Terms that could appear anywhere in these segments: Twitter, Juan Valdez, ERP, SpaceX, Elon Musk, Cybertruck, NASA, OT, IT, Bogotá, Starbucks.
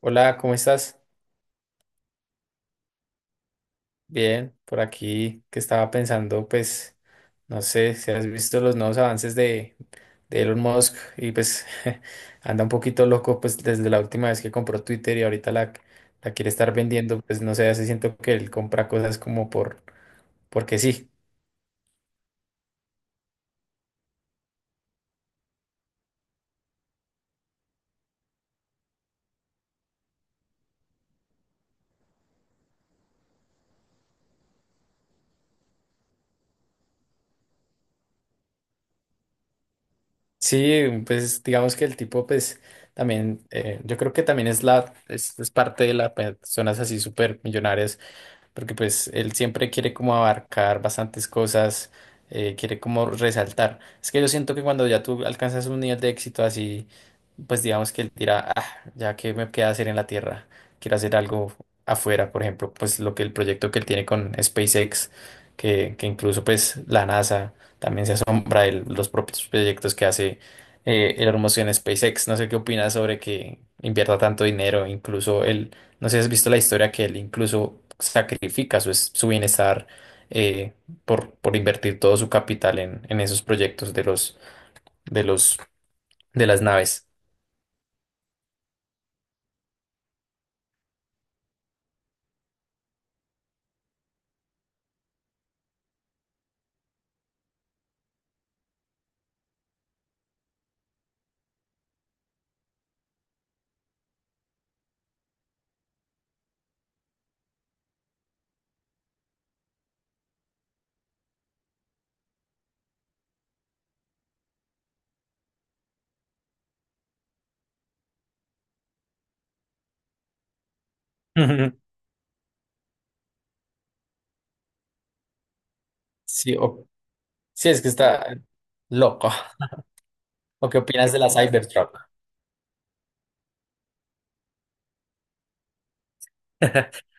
Hola, ¿cómo estás? Bien, por aquí que estaba pensando, pues, no sé si has visto los nuevos avances de Elon Musk y pues anda un poquito loco, pues desde la última vez que compró Twitter y ahorita la quiere estar vendiendo, pues no sé, hace siento que él compra cosas como porque sí. Sí, pues digamos que el tipo, pues también, yo creo que también es parte de las personas así súper millonarias porque pues él siempre quiere como abarcar bastantes cosas, quiere como resaltar. Es que yo siento que cuando ya tú alcanzas un nivel de éxito así, pues digamos que él dirá, ah, ya que me queda hacer en la Tierra, quiero hacer algo afuera, por ejemplo, pues lo que el proyecto que él tiene con SpaceX, que incluso pues la NASA también se asombra de los propios proyectos que hace el hermoso en SpaceX. No sé qué opinas sobre que invierta tanto dinero, incluso él no sé si has visto la historia que él incluso sacrifica su bienestar eh, por invertir todo su capital en esos proyectos de los, de las naves. Ujú. Sí, sí, es que está loco. ¿O qué opinas de la Cybertruck?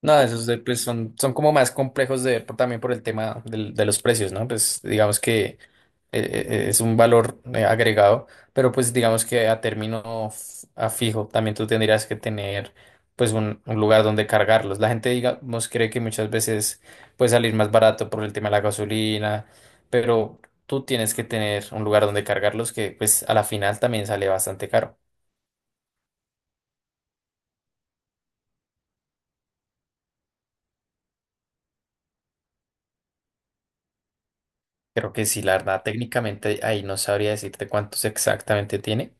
No, esos pues son como más complejos también por el tema de los precios, ¿no? Pues digamos que es un valor agregado, pero pues digamos que a fijo también tú tendrías que tener pues un lugar donde cargarlos. La gente digamos cree que muchas veces puede salir más barato por el tema de la gasolina, pero tú tienes que tener un lugar donde cargarlos que pues a la final también sale bastante caro. Creo que sí, la verdad, técnicamente ahí no sabría decirte cuántos exactamente tiene.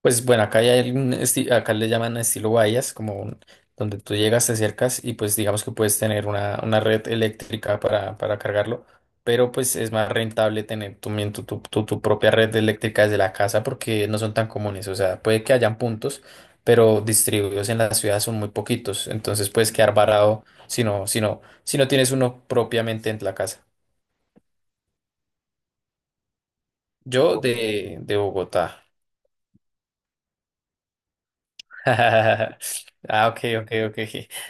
Pues bueno, acá ya hay un acá le llaman estilo bahías, como donde tú llegas, te acercas y pues digamos que puedes tener una red eléctrica para cargarlo, pero pues es más rentable tener tu, mien- tu- tu propia red eléctrica desde la casa porque no son tan comunes, o sea, puede que hayan puntos, pero distribuidos en la ciudad son muy poquitos, entonces puedes quedar varado si no tienes uno propiamente en la casa. Yo de Bogotá. Ah, ok, ok, ok.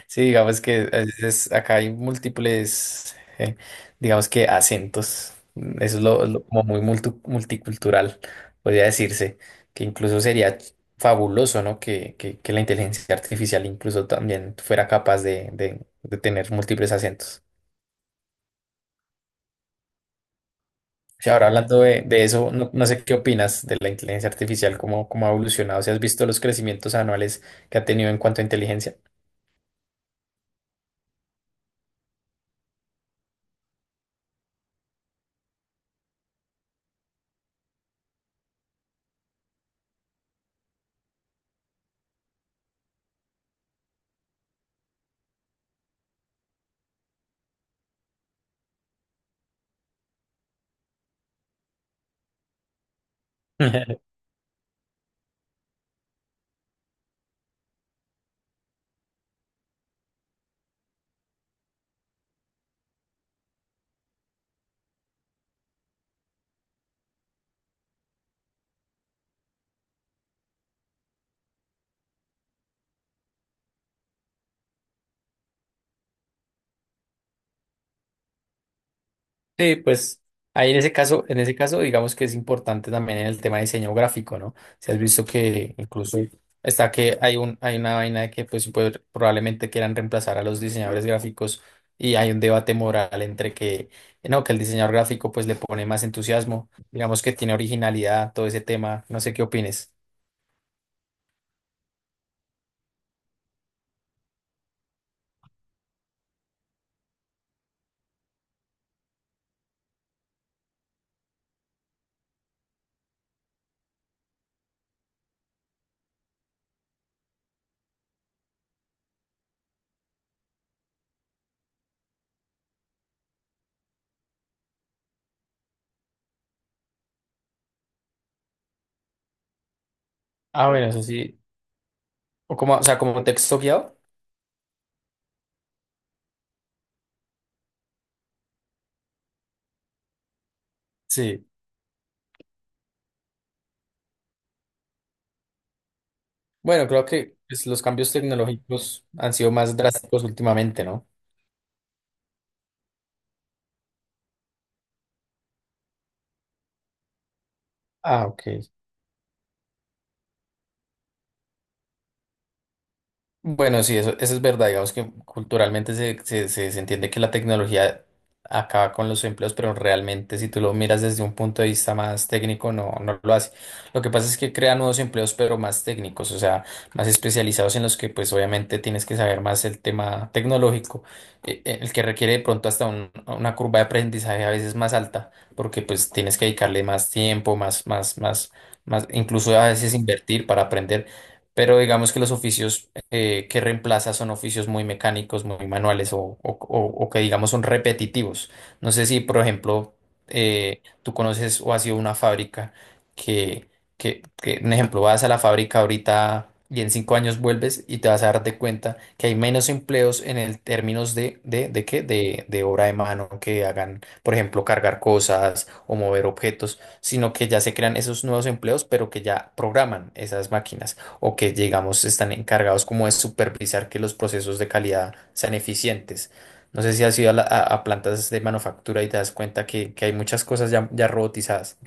Sí, digamos que a veces acá hay múltiples, digamos que acentos. Eso es como muy multicultural, podría decirse, que incluso sería fabuloso, ¿no? Que la inteligencia artificial incluso también fuera capaz de tener múltiples acentos. Sí, ahora hablando de eso, no, no sé qué opinas de la inteligencia artificial, cómo ha evolucionado, si has visto los crecimientos anuales que ha tenido en cuanto a inteligencia. Sí, pues ahí en ese caso, digamos que es importante también el tema de diseño gráfico, ¿no? Si has visto que incluso está que hay una vaina de que pues probablemente quieran reemplazar a los diseñadores gráficos y hay un debate moral entre que, no, que el diseñador gráfico pues le pone más entusiasmo, digamos que tiene originalidad, todo ese tema, no sé qué opines. Ah, bueno, eso sí. O como, o sea, como texto guiado. Sí. Bueno, creo que pues, los cambios tecnológicos han sido más drásticos últimamente, ¿no? Ah, ok. Bueno, sí, eso es verdad. Digamos que culturalmente se entiende que la tecnología acaba con los empleos, pero realmente si tú lo miras desde un punto de vista más técnico, no, no lo hace. Lo que pasa es que crea nuevos empleos, pero más técnicos, o sea, más especializados en los que pues obviamente tienes que saber más el tema tecnológico, el que requiere de pronto hasta una curva de aprendizaje a veces más alta, porque pues tienes que dedicarle más tiempo, incluso a veces invertir para aprender. Pero digamos que los oficios que reemplaza son oficios muy mecánicos, muy manuales o que digamos son repetitivos. No sé si, por ejemplo, tú conoces o has ido a una fábrica que, un ejemplo, vas a la fábrica ahorita y en 5 años vuelves y te vas a darte cuenta que hay menos empleos en el términos de obra de mano que hagan, por ejemplo, cargar cosas o mover objetos, sino que ya se crean esos nuevos empleos, pero que ya programan esas máquinas o que, digamos, están encargados como de supervisar que los procesos de calidad sean eficientes. No sé si has ido a plantas de manufactura y te das cuenta que hay muchas cosas ya, ya robotizadas.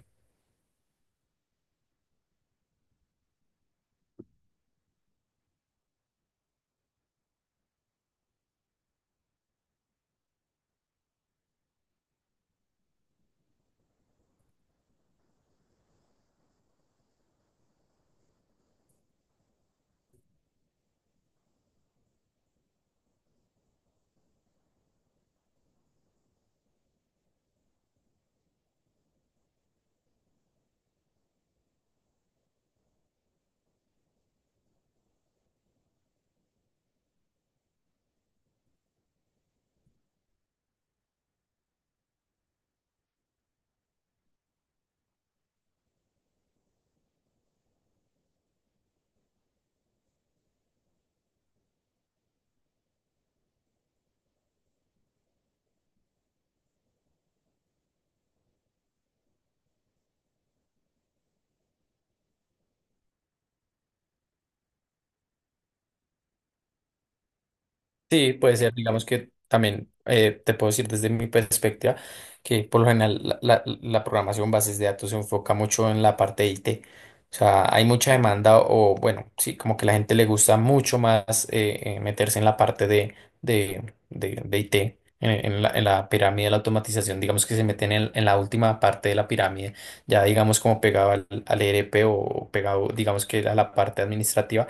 Sí, puede ser, digamos que también te puedo decir desde mi perspectiva que por lo general la programación bases de datos se enfoca mucho en la parte de IT. O sea, hay mucha demanda o bueno, sí, como que la gente le gusta mucho más meterse en la parte de, de IT, en la pirámide de la automatización, digamos que se meten en la última parte de la pirámide, ya digamos como pegado al ERP o pegado digamos que a la parte administrativa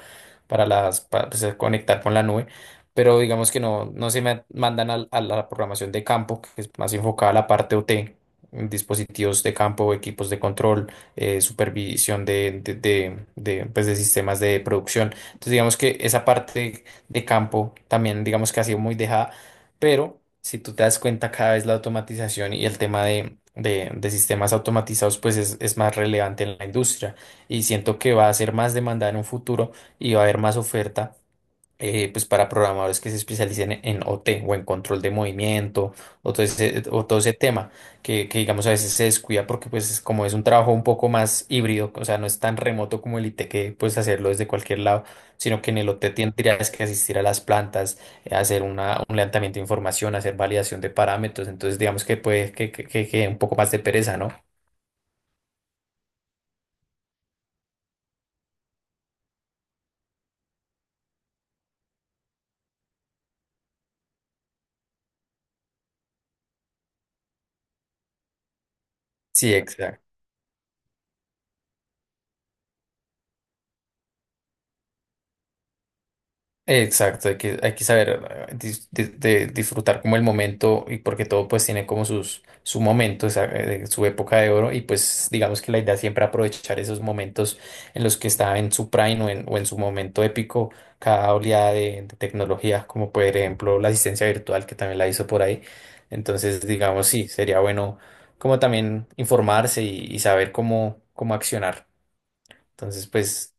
para, pues, conectar con la nube pero digamos que no, no se me mandan la programación de campo, que es más enfocada a la parte OT, en dispositivos de campo, equipos de control, supervisión , pues, de sistemas de producción. Entonces, digamos que esa parte de campo también, digamos que ha sido muy dejada, pero si tú te das cuenta, cada vez la automatización y el tema de sistemas automatizados pues es más relevante en la industria y siento que va a ser más demandada en un futuro y va a haber más oferta pues para programadores que se especialicen en OT o en control de movimiento o todo ese tema digamos a veces se descuida porque pues es como es un trabajo un poco más híbrido, o sea, no es tan remoto como el IT que puedes hacerlo desde cualquier lado, sino que en el OT tendrías que asistir a las plantas, hacer un levantamiento de información, hacer validación de parámetros, entonces digamos que puede que quede un poco más de pereza, ¿no? Sí, exacto. Exacto, hay que saber dis- de disfrutar como el momento y porque todo pues tiene como su momento, su época de oro y pues digamos que la idea es siempre aprovechar esos momentos en los que está en su prime o en su momento épico cada oleada de tecnología, como por ejemplo la asistencia virtual que también la hizo por ahí. Entonces digamos sí, sería bueno como también informarse y saber cómo accionar. Entonces pues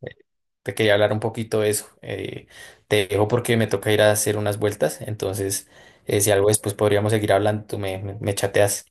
te quería hablar un poquito de eso. Te dejo porque me toca ir a hacer unas vueltas, entonces si algo después podríamos seguir hablando, tú me chateas.